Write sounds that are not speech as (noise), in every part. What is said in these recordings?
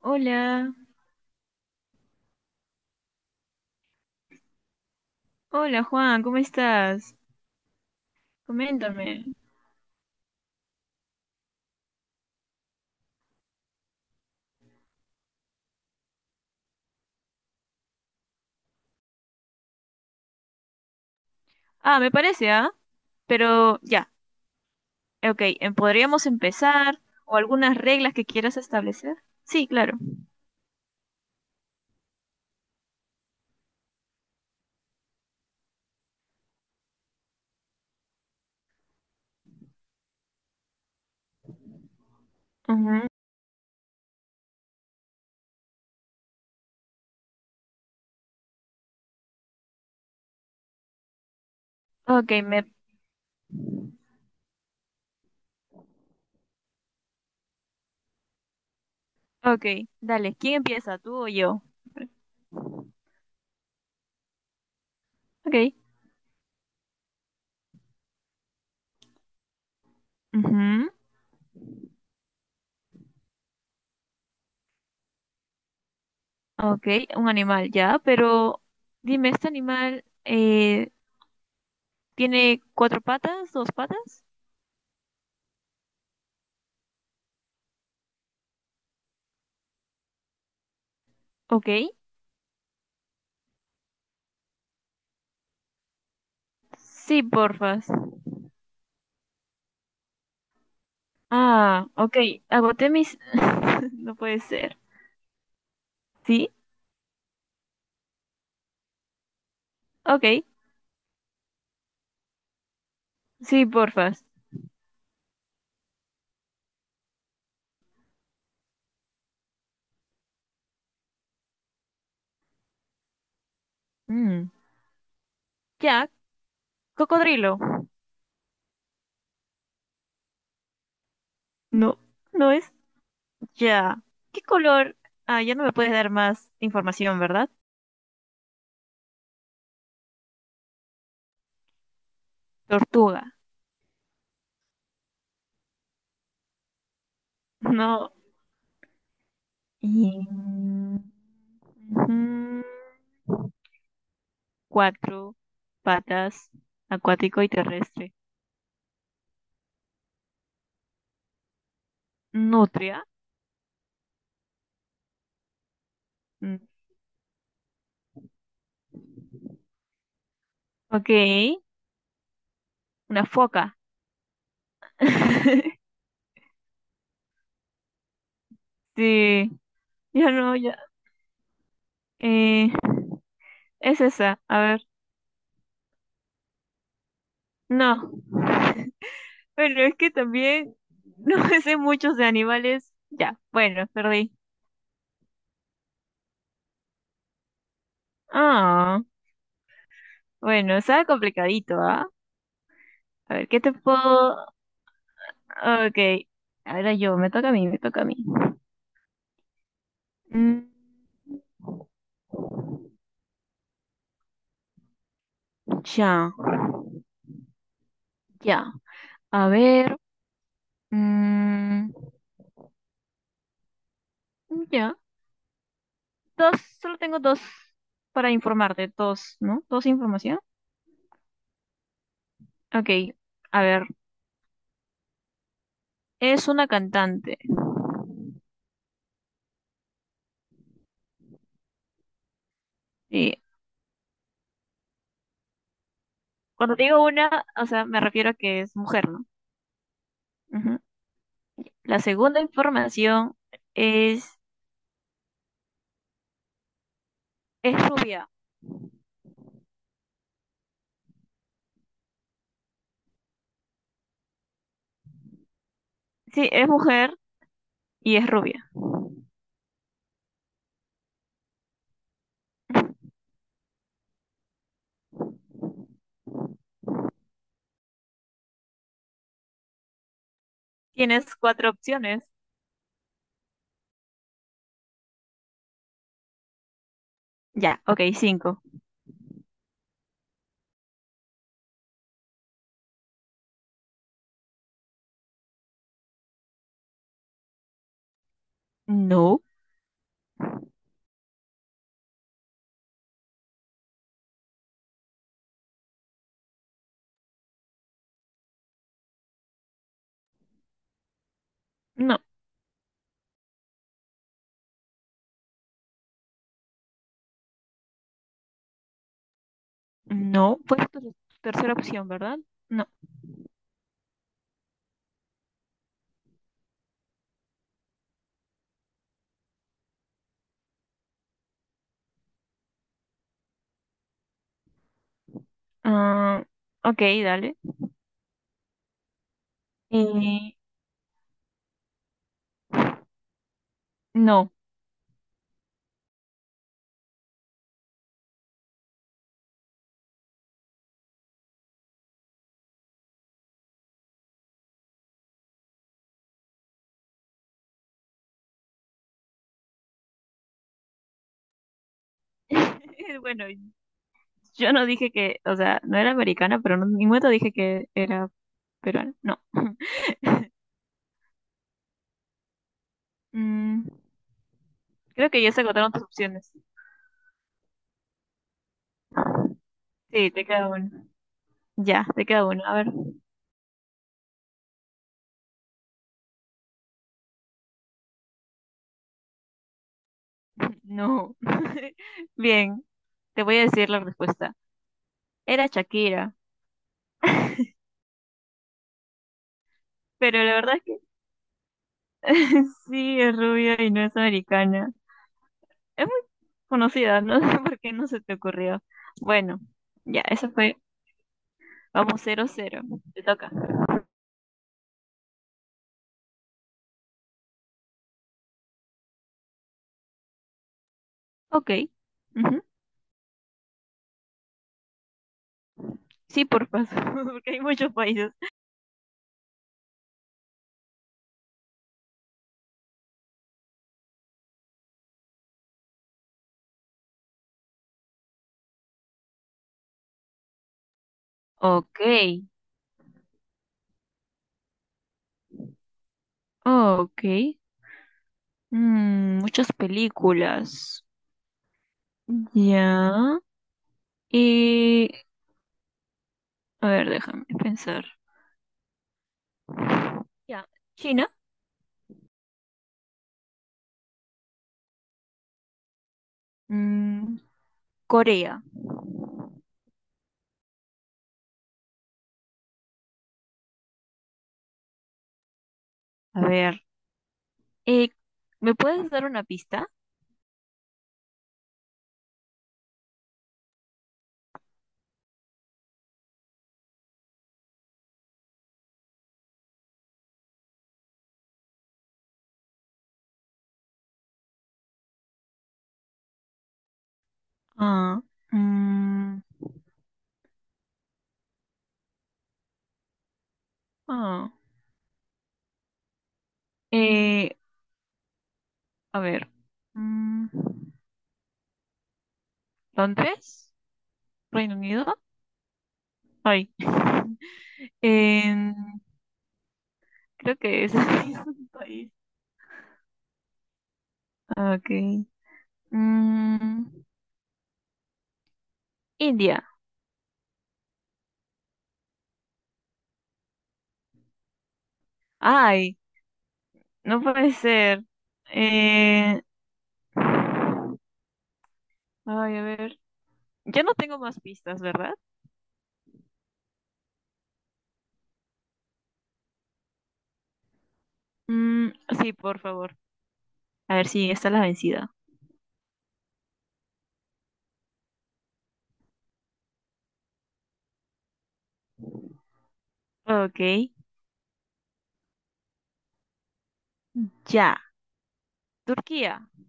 Hola, hola Juan, ¿cómo estás? Coméntame. Ah, me parece, ¿ah? Pero ya, ok, ¿podríamos empezar? ¿O algunas reglas que quieras establecer? Sí, claro. Ujú. Ok, ok, dale, ¿quién empieza, tú o yo? Ok. Ujú. Ok, un animal, ya, pero dime, ¿este animal tiene cuatro patas, dos patas? Ok. Sí, porfas. Ah, ok, agoté mis... (laughs) no puede ser. ¿Sí? Ok, sí, porfas. Mm. Ya, cocodrilo. No, no es ya. ¿Qué color? Ah, ya no me puedes dar más información, ¿verdad? Tortuga. No. Y- Ujú. Cuatro patas, acuático y terrestre. Nutria. Mm. Ok, una foca. (laughs) Sí, ya no, ya. Eh, es esa, a ver. No. Bueno, es que también no (laughs) sé muchos de animales. Ya, bueno, perdí. Ah, bueno, estaba complicadito, ¿ah? A ver, ¿qué te puedo...? Ok, ahora yo, me toca a mí, me toca a mí. Mm, ya, ya. A ver, mm, ya. Dos, solo tengo dos para informarte, dos, ¿no? Dos información. Ok, a ver, es una cantante. Sí. Cuando digo una, o sea, me refiero a que es mujer, ¿no? Ujú. La segunda información es, es rubia. Sí, es mujer y es rubia. Tienes cuatro opciones. Ya, ok, cinco. No, no, no. Fue tu tercera opción, ¿verdad? No. Ah, ok, dale. Eh, no. (laughs) Bueno, yo no dije que, o sea, no era americana, pero no, en ningún momento dije que era peruana. No. (laughs) Mm, creo que ya se agotaron tus opciones. Sí, te queda una. Ya, te queda una. A ver. (laughs) No. (laughs) Bien, te voy a decir la respuesta. Era Shakira, pero la verdad es que (laughs) sí es rubia y no es americana. Es muy conocida, no (laughs) sé por qué no se te ocurrió. Bueno, ya, eso fue. Vamos, cero cero. Te toca. Ok, ujú. Sí, por favor, (laughs) porque hay muchos países. Ok, ok. Mm, muchas películas. Ya. Y... A ver, déjame pensar. Ya. China. Mm, Corea. A ver, eh, ¿me puedes dar una pista? Ah, mm, ah, eh, a ver, mm, ¿Londres? ¿Reino Unido? Ay, (laughs) en- creo que ese (laughs) es un país. Ok. Mm, India. Ay, no puede ser. Eh, ay, a ver, ya no tengo más pistas, ¿verdad? Mm, sí, por favor. A ver si esta es la vencida. Ok. Ya, Turquía. (laughs)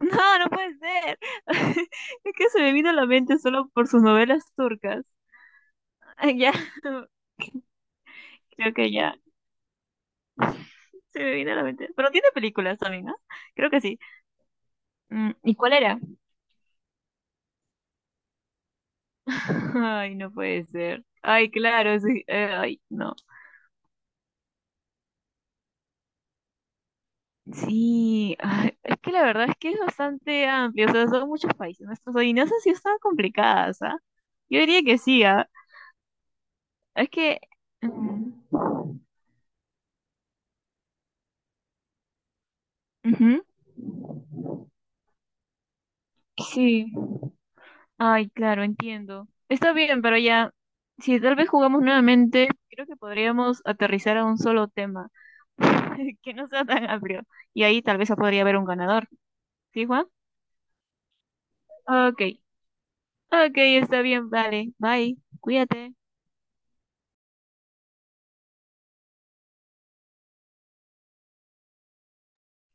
No, no puede ser. (laughs) Es que se me vino a la mente solo por sus novelas turcas. Ah, ya, (laughs) creo que ya. (laughs) Se me vino a la mente. Pero tiene películas también, ¿no? Creo que sí. Mm, ¿y cuál era? (laughs) Ay, no puede ser. Ay, claro, sí. Ay, no. Sí, ay, es que la verdad es que es bastante amplio. O sea, son muchos países nuestros. Y nuestras adivinanzas sí están complicadas, ¿ah? Yo diría que sí, ¿ah? Es que. Mm, ujú. Sí. Ay, claro, entiendo. Está bien, pero ya, si tal vez jugamos nuevamente, creo que podríamos aterrizar a un solo tema, (laughs) que no sea tan amplio. Y ahí tal vez podría haber un ganador. ¿Sí, Juan? Ok, ok, está bien, vale. Bye, cuídate.